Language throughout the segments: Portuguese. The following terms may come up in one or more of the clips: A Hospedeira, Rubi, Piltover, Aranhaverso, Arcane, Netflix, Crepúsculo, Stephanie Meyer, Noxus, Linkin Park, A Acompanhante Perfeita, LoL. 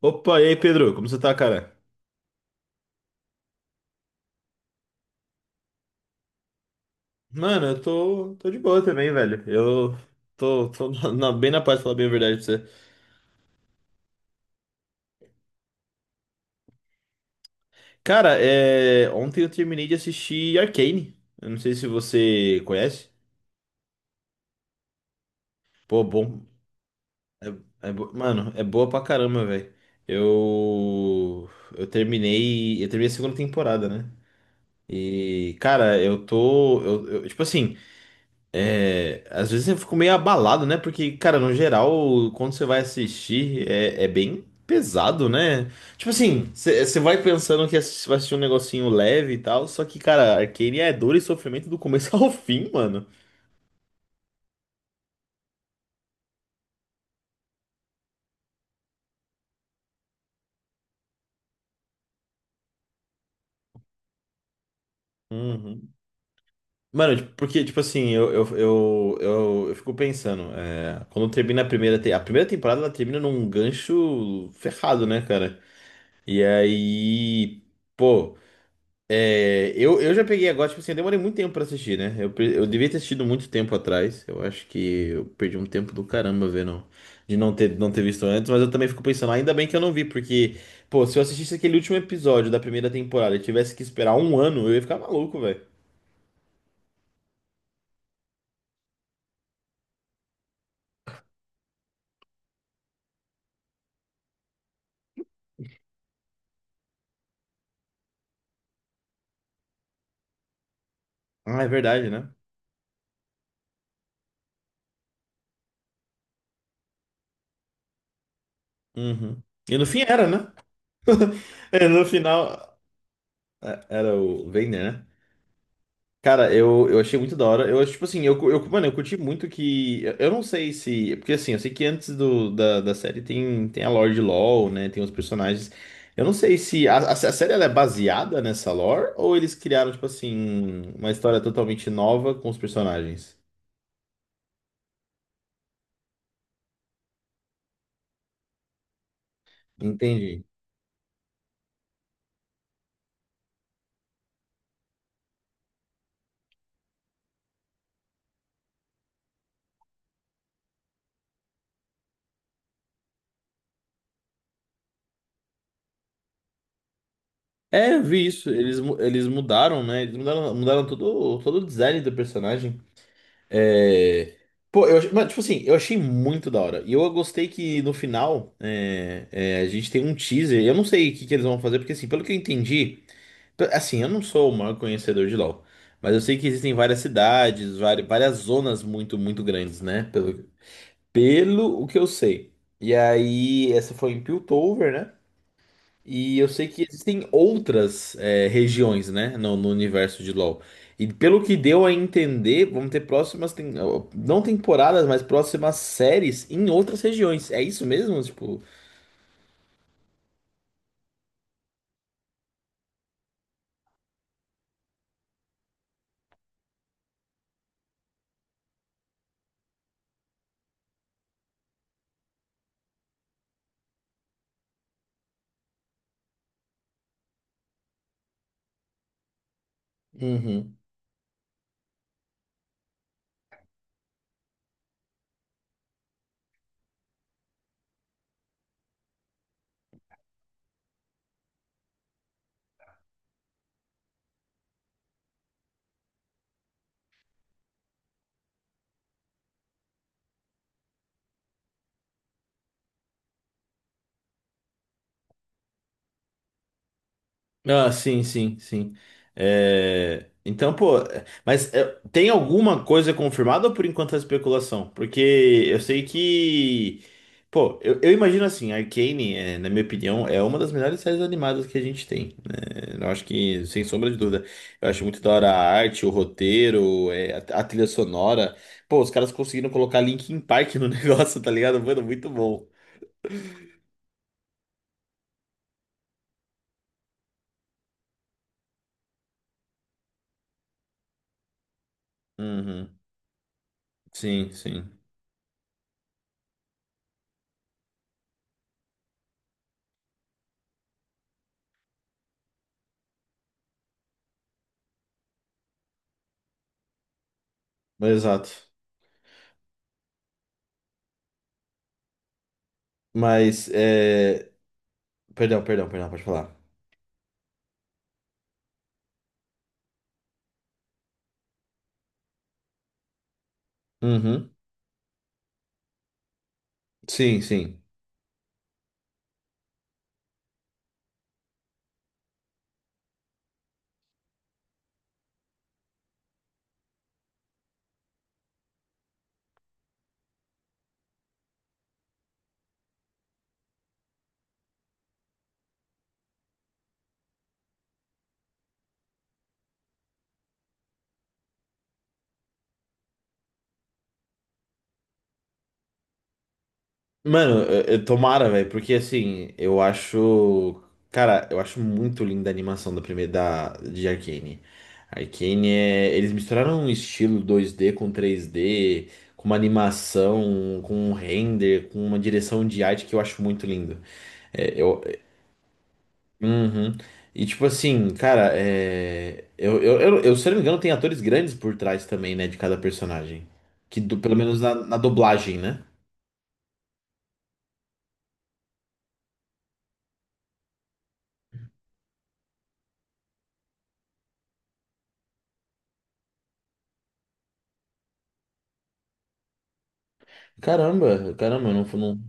Opa, e aí, Pedro? Como você tá, cara? Mano, eu tô de boa também, velho. Eu tô bem na paz, pra falar bem a verdade pra você. Cara, ontem eu terminei de assistir Arcane. Eu não sei se você conhece. Pô, bom. Mano, é boa pra caramba, velho. Eu. Eu terminei. Eu terminei a segunda temporada, né? E, cara, eu tô. Tipo assim. Às vezes eu fico meio abalado, né? Porque, cara, no geral, quando você vai assistir, é bem pesado, né? Tipo assim, você vai pensando que vai assistir um negocinho leve e tal, só que, cara, Arcane é dor e sofrimento do começo ao fim, mano. Uhum. Mano, tipo, porque, tipo assim, eu fico pensando, quando termina a primeira, a primeira temporada, ela termina num gancho ferrado, né, cara? E aí, pô. Eu já peguei agora, tipo assim, eu demorei muito tempo pra assistir, né? Eu devia ter assistido muito tempo atrás. Eu acho que eu perdi um tempo do caramba vendo, de não ter, não ter visto antes, mas eu também fico pensando: "Ah, ainda bem que eu não vi, porque, pô, se eu assistisse aquele último episódio da primeira temporada e tivesse que esperar um ano, eu ia ficar maluco, velho." Ah, é verdade, né? Uhum. E no fim era, né? No final, era o Vayner, né? Cara, eu achei muito da hora. Eu acho, tipo assim, mano, eu curti muito que. Eu não sei se. Porque assim, eu sei que antes da da série tem, tem a lore de LoL, né? Tem os personagens. Eu não sei se. A série ela é baseada nessa lore ou eles criaram, tipo assim, uma história totalmente nova com os personagens? Entendi. É, eu vi isso. Eles mudaram, né? Eles mudaram, mudaram todo, todo o design do personagem. É, pô, mas, tipo assim, eu achei muito da hora. E eu gostei que no final é, a gente tem um teaser. Eu não sei o que, que eles vão fazer, porque assim, pelo que eu entendi, assim, eu não sou o maior conhecedor de LoL, mas eu sei que existem várias cidades, várias zonas muito, muito grandes, né? Pelo, pelo o que eu sei. E aí, essa foi em Piltover, né? E eu sei que existem outras regiões, né, no, no universo de LoL. E pelo que deu a entender, vamos ter próximas, não temporadas, mas próximas séries em outras regiões. É isso mesmo? Tipo, uhum. Ah, sim, sim, sim. É, então, pô, tem alguma coisa confirmada ou por enquanto é especulação? Porque eu sei que. Pô, eu imagino assim, Arcane, é, na minha opinião, é uma das melhores séries animadas que a gente tem, né? Eu acho que, sem sombra de dúvida, eu acho muito da hora a arte, o roteiro, a trilha sonora. Pô, os caras conseguiram colocar Linkin Park no negócio, tá ligado? Mano, muito bom. Uhum. Sim, sim. Exato. Mas é, perdão, perdão, perdão, pode falar. Uhum. Sim, sim. Mano, tomara, velho, porque assim, eu acho. Cara, eu acho muito linda a animação da primeira da, de Arcane. Arcane é. Eles misturaram um estilo 2D com 3D, com uma animação, com um render, com uma direção de arte que eu acho muito lindo. É, eu, Uhum. E tipo assim, cara, é… eu, se eu não me engano, tem atores grandes por trás também, né, de cada personagem. Pelo menos na, na dublagem, né? Caramba, caramba, eu não fui no,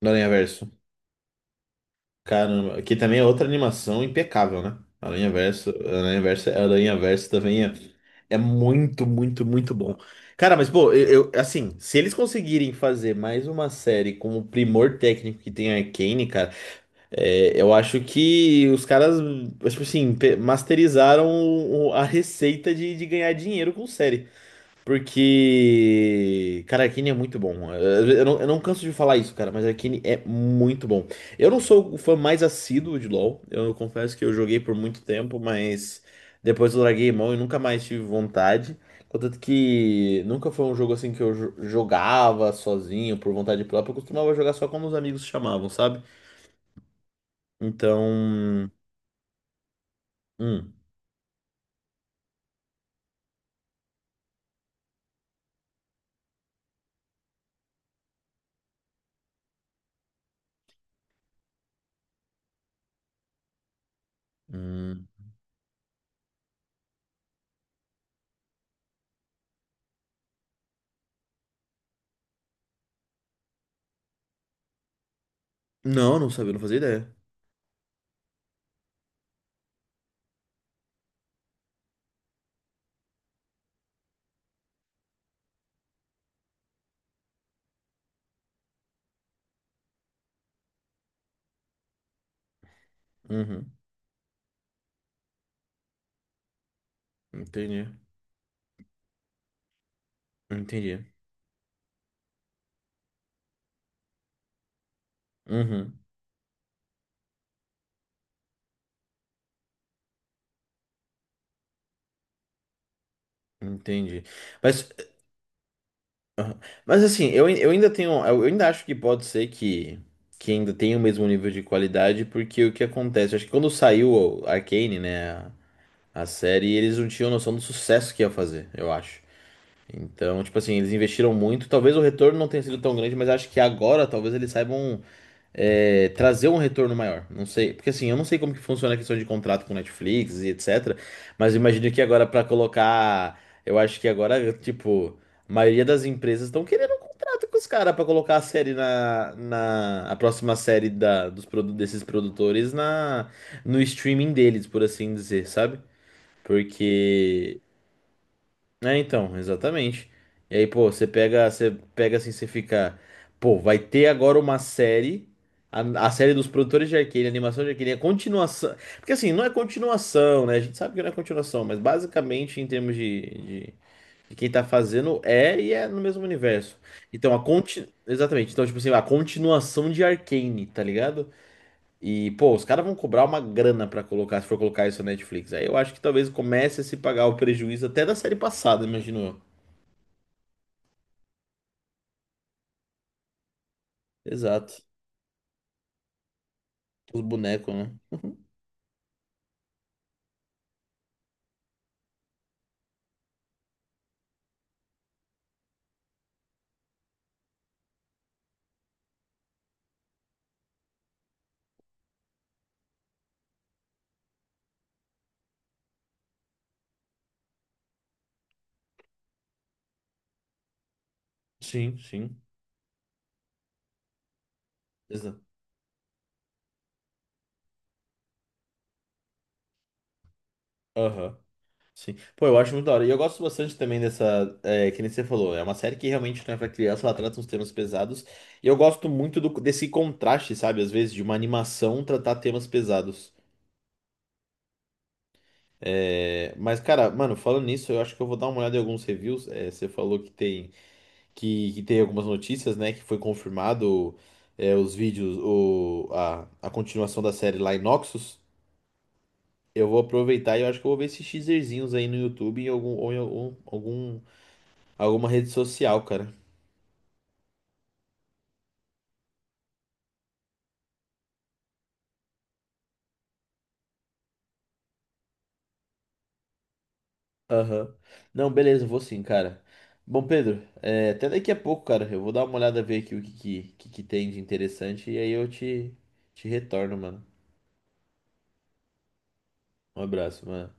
no Aranhaverso. Caramba, que também é outra animação impecável, né? Aranhaverso, Aranhaverso, Aranhaverso também é, é muito, muito, muito bom. Cara, mas pô, assim, se eles conseguirem fazer mais uma série com o primor técnico que tem a Arcane, cara. É, eu acho que os caras, tipo assim, masterizaram a receita de ganhar dinheiro com série. Porque, cara, Arcane é muito bom. Eu não canso de falar isso, cara, mas Arcane é muito bom. Eu não sou o fã mais assíduo de LoL. Eu confesso que eu joguei por muito tempo, mas depois eu larguei mão e nunca mais tive vontade. Contanto que nunca foi um jogo assim que eu jogava sozinho, por vontade própria. Eu costumava jogar só quando os amigos chamavam, sabe? Então. Hum. Hum. Não, não sabia, não fazia ideia. Uhum. Entendi. Entendi. Uhum. Entendi. Mas, mas assim, eu ainda tenho. Eu ainda acho que pode ser que ainda tenha o mesmo nível de qualidade, porque o que acontece? Acho que quando saiu o Arcane, né, a série, eles não tinham noção do sucesso que ia fazer, eu acho. Então, tipo assim, eles investiram muito. Talvez o retorno não tenha sido tão grande, mas acho que agora talvez eles saibam trazer um retorno maior. Não sei, porque assim, eu não sei como que funciona a questão de contrato com Netflix e etc. Mas eu imagino que agora para colocar, eu acho que agora, tipo, a maioria das empresas estão querendo um contrato com os caras para colocar a série na, na a próxima série da, dos desses produtores na no streaming deles, por assim dizer, sabe? Porque então, exatamente. E aí, pô, você pega assim, você fica, pô, vai ter agora uma série, a, a série dos produtores de Arcane, a animação de Arcane, a continuação. Porque assim, não é continuação, né? A gente sabe que não é continuação, mas basicamente, em termos de quem tá fazendo, é e é no mesmo universo. Então, a conti… exatamente. Então, tipo assim, a continuação de Arcane, tá ligado? E, pô, os caras vão cobrar uma grana pra colocar, se for colocar isso na Netflix. Aí eu acho que talvez comece a se pagar o prejuízo até da série passada, imagino eu. Exato. Os bonecos, né? Sim, sim. Exato. Aham. Sim. Pô, eu acho muito da hora. E eu gosto bastante também dessa. É, que nem você falou. É uma série que realmente não é pra criança, ela trata uns temas pesados. E eu gosto muito desse contraste, sabe? Às vezes, de uma animação tratar temas pesados. É, mas, cara, mano, falando nisso, eu acho que eu vou dar uma olhada em alguns reviews. É, você falou que tem. Que teve algumas notícias, né? Que foi confirmado os vídeos, o, a continuação da série lá em Noxus. Eu vou aproveitar e eu acho que eu vou ver esses teaserzinhos aí no YouTube em algum, ou em algum, alguma rede social, cara. Aham. Não, beleza, eu vou sim, cara. Bom, Pedro, é, até daqui a pouco, cara. Eu vou dar uma olhada, ver aqui o que, que tem de interessante e aí te retorno, mano. Um abraço, mano.